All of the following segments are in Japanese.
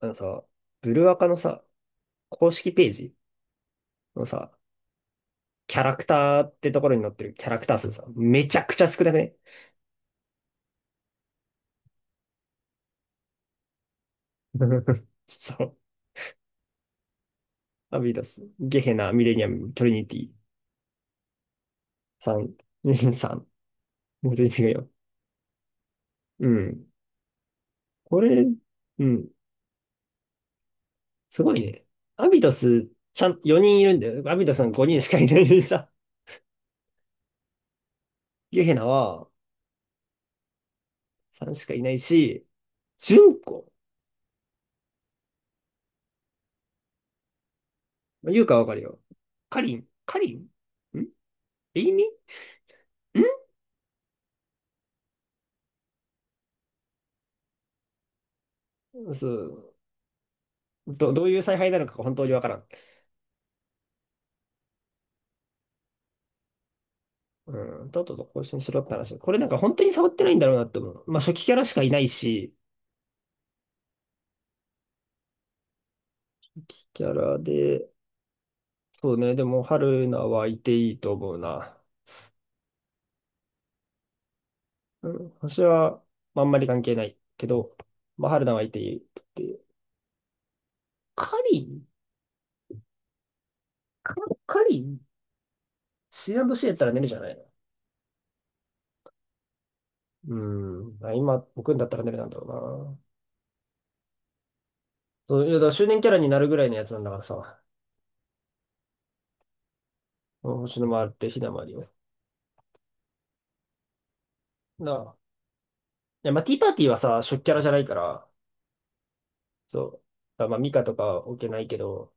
あのさ、ブルアカのさ、公式ページのさ、キャラクターってところに載ってるキャラクター数さ、めちゃくちゃ少なくね？ そう。アビダス、ゲヘナ、ミレニアム、トリニティ、サン、サン、もうトリニティがよ。うん。これ、うん。すごいね。アビダス、ちゃん、4人いるんだよ。アビダスは5人しかいないのにさ、ゲヘナは3しかいないし、ジュンコ、まあ、言うかわかるよ。カリン、カリンん、エイミん、そう。どういう采配なのかが本当にわからん。うん、とっとと更新しろって話。これなんか本当に触ってないんだろうなって思う。まあ初期キャラしかいないし、初期キャラで、そうね、でも春菜はいていいと思うな。うん、私はまああんまり関係ないけど、まあ春菜はいていいって。カリン、カカリン ?C&C やったら寝るじゃないの。うん、まあ今、僕んだったら寝るなんだろうな。そう、いや、だから周年キャラになるぐらいのやつなんだからさ。星の回ってひだまりを。なあ、で、まあ、ティーパーティーはさ、初期キャラじゃないから、そう。あ、まあ、ミカとかは置けないけど、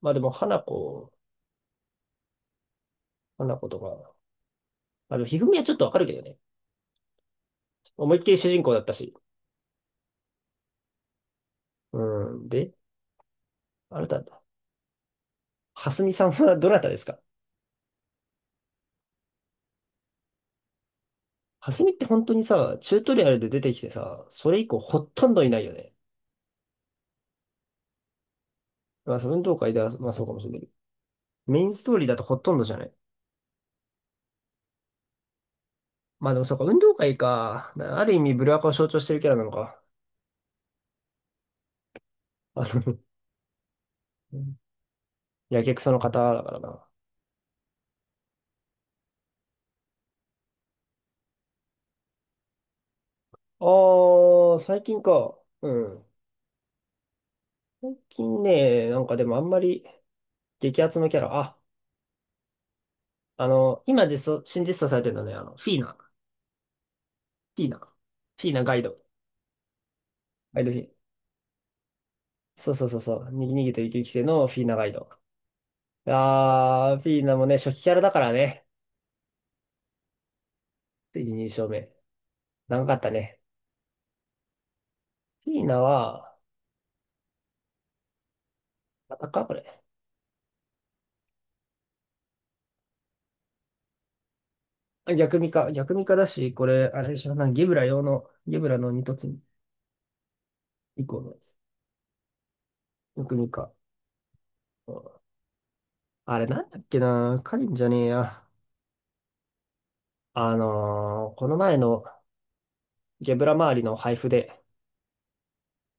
まあでも、花子、花子とか、まあ、でも、ひふみはちょっとわかるけどね。思いっきり主人公だったし。うん。で、あなた、はすみさんはどなたですか？はすみって本当にさ、チュートリアルで出てきてさ、それ以降ほとんどいないよね。まあ、そう運動会では、まあそうかもしれないけど。メインストーリーだとほとんどじゃない？まあでもそうか、運動会か。な、ある意味、ブルアカを象徴してるキャラなのか。あの、やけくその方だからな。ああ、最近か。うん。最近ね、なんかでもあんまり激アツのキャラ。あ、あの、今実装、新実装されてるのね、あの、フィーナ。フィーナ。フィーナガイド。ガイドフィー。そうそうそうそう。に逃げて生き生きてのフィーナガイド。ああ、フィーナもね、初期キャラだからね。ついに2勝目。長かったね。フィーナは、またかこれ。あ、逆ミカ。逆ミカだし、これ、あれでしょ、なんかゲブラ用の、ゲブラの二突以降のやつ。逆ミカ。あれなんだっけな、カリンじゃねえや。この前のゲブラ周りの配布で、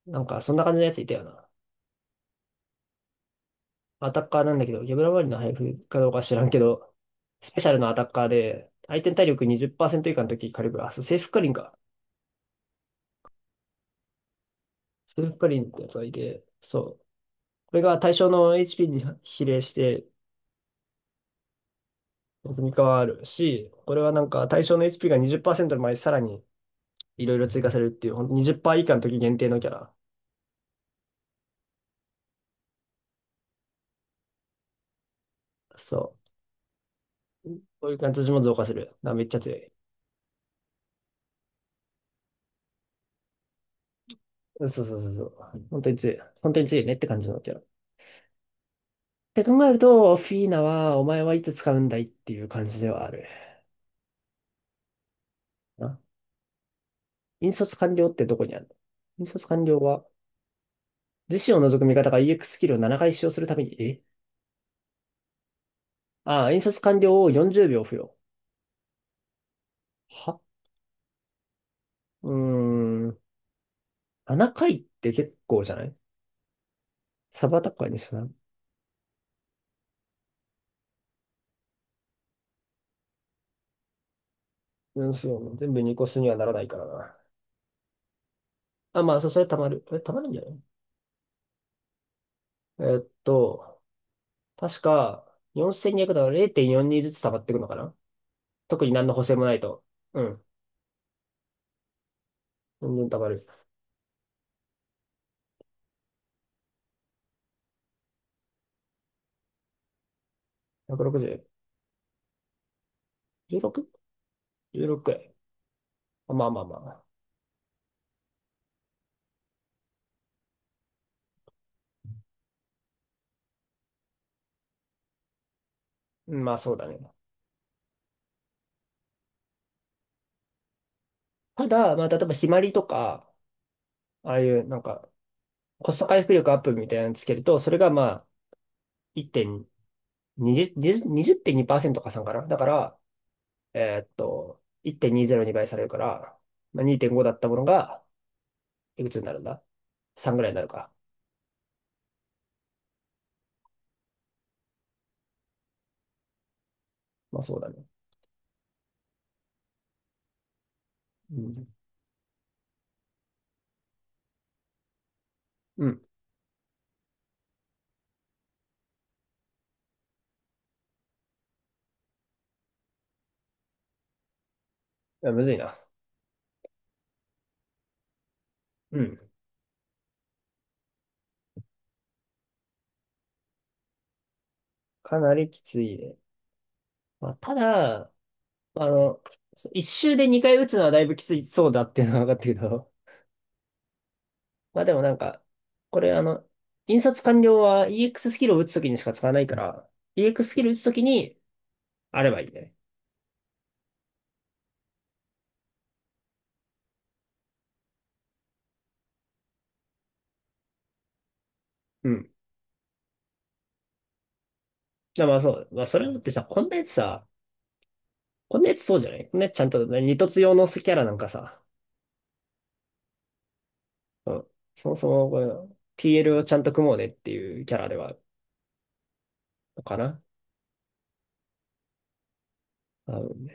なんかそんな感じのやついたよな。アタッカーなんだけど、ゲブラ周りの配布かどうか知らんけど、スペシャルのアタッカーで、相手の体力20%以下の時カリブラ、あそうセーフカリンか。セーフカリンってやつがいて、そう。これが対象の HP に比例して積み変わるし、これはなんか対象の HP が20%の前にさらにいろいろ追加されるっていう、ほんと20%以下の時限定のキャラ。そう、こういう感じ私も増加する。あ、めっちゃ強い。そうそうそうそう。本当に強い。本当に強いねって感じのキャラ。って考えると、フィーナは、お前はいつ使うんだいっていう感じではある。な。引率完了ってどこにあるの？引率完了は、自身を除く味方が EX ススキルを7回使用するために、え、ああ、引率完了を40秒付与。は、うーん。7回って結構じゃない？サブアタッカーにしかな、うん、そう。全部2個数にはならないからな。あ、まあ、そう、それたまる。え、たまるんじゃない？えーっと、確か、4200だから0.42ずつ溜まっていくのかな。特に何の補正もないと。うん。どんどん溜まる。160。16?16。じゅうろくくらい、まあまあまあ。うん、まあそうだね。ただ、まあ例えばひまりとか、ああいうなんか、コスト回復力アップみたいなのつけると、それがまあ1.20、20 20.2%加算かなだから、えーっと、1.20に倍されるから、まあ、2.5だったものが、いくつになるんだ ?3 ぐらいになるか。まあそうだね。うん。うん。いやむずいな。うん。かなりきついね。まあ、ただ、あの、一周で2回打つのはだいぶきついそうだっていうのは分かったけど、まあでもなんか、これあの、引率完了は EX ススキルを打つときにしか使わないから、EX ススキル打つときにあればいいんだよね。うん。だ、まあそう。まあそれだってさ、こんなやつさ、こんなやつそうじゃない、こんなやつちゃんとね、二突用のキャラなんかさ、うん、そもそもこれ TL をちゃんと組もうねっていうキャラではあるのかな。あ、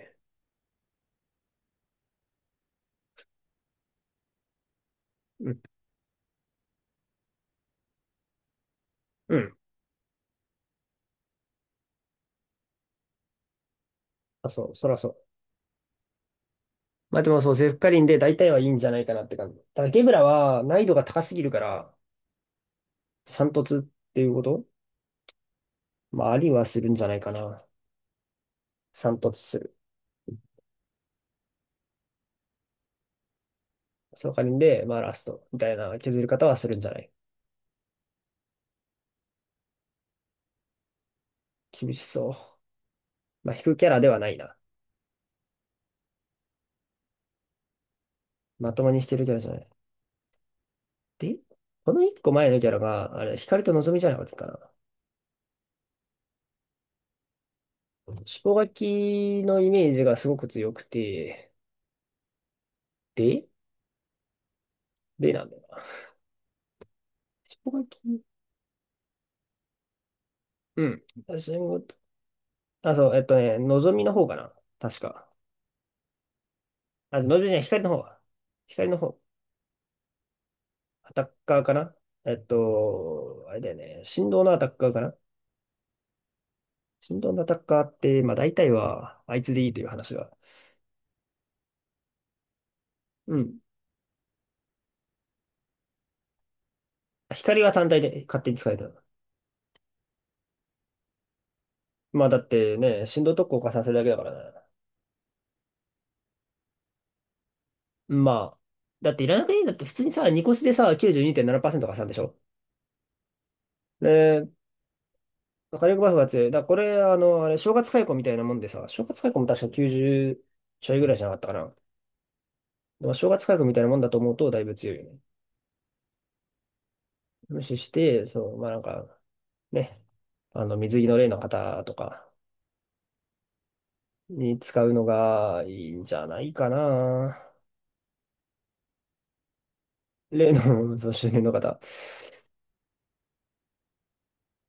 うん。うん、あ、そう、そらそう。まあでもそう、セフカリンで大体はいいんじゃないかなって感じ。ただ、ゲブラは難易度が高すぎるから、三突っていうこと？まあ、ありはするんじゃないかな。三突する。セフカリンで、まあラストみたいな削り方はするんじゃない？厳しそう。まあ、引くキャラではないな。まともに引けるキャラじゃない。で、この一個前のキャラが、あれ、光と望みじゃなかったかな。尻尾書きのイメージがすごく強くて、で、でなんだよな。尻尾書き、うん。私も、あ、そう、ね、のぞみの方かな、確か。あ、のぞみじゃない、光の方。光の方。アタッカーかな？えっと、あれだよね。振動のアタッカーかな？振動のアタッカーって、まあ大体は、あいつでいいという話が。うん。光は単体で勝手に使える。まあだってね、振動特効加算するだけだからね。まあ、だっていらなくていいんだって、普通にさ、ニコスでさ、92.7%加算でしょ？で、火力バフが強い。だからこれ、あの、あれ、正月解雇みたいなもんでさ、正月解雇も確か90ちょいぐらいじゃなかったかな。まあ、正月価格みたいなもんだと思うとだいぶ強いよね。無視して、そう、まあなんか、ね、あの、水着の例の方とかに使うのがいいんじゃないかな。例の、そう、周年の方。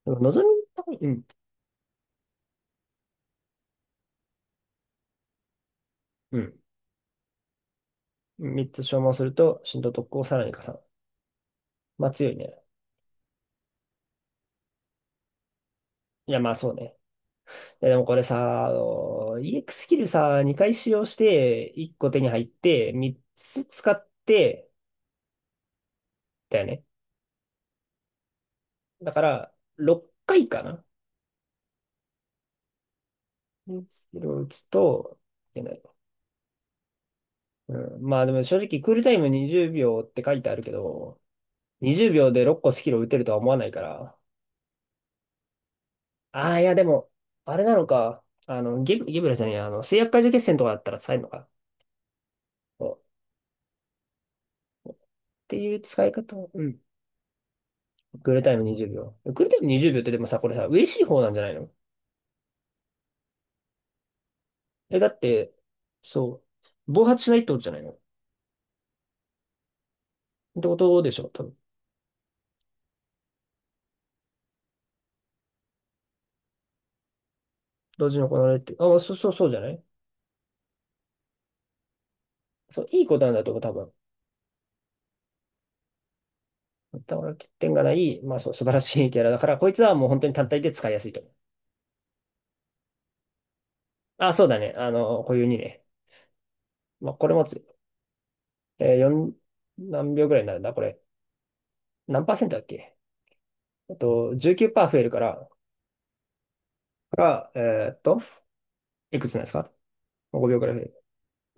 望みたい、うん、うん。3つ消耗すると、震動特攻をさらに加算。まあ強いね。いや、まあそうね。いや、でもこれさ、あの、EX ススキルさ、2回使用して、1個手に入って、3つ使って、だよね。だから、6回かいかな？それを打つと、いけない。うん、まあでも正直、クールタイム20秒って書いてあるけど、20秒で6個スキルを打てるとは思わないから。ああ、いやでも、あれなのか。あの、ゲブラじゃない、あの、制約解除決戦とかだったら使えるのか。そう、っていう使い方。うん。クールタイム20秒。クールタイム20秒ってでもさ、これさ、嬉しい方なんじゃないの？え、だって、そう、暴発しないってことじゃないの、ってことでしょ、多分。同時に行われて。あ、そうそうそうじゃない？そう、いいことなんだと思う、多分。だから欠点がない、まあそう、素晴らしい キャラだから、こいつはもう本当に単体で使いやすいと思う。あ、そうだね。あの、固有にね。まあこれもつ、えー、4、何秒ぐらいになるんだこれ。何パーセントだっけ？えっと、19%増えるから、えーっと、いくつなんですか ?5 秒ぐらい増える。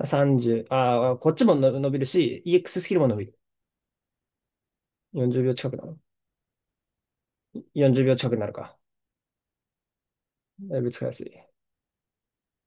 30、ああこっちもの伸びるし、EX ススキルも伸びる。40秒近くなの ?40 秒近くなるか。だいぶ使いやすい。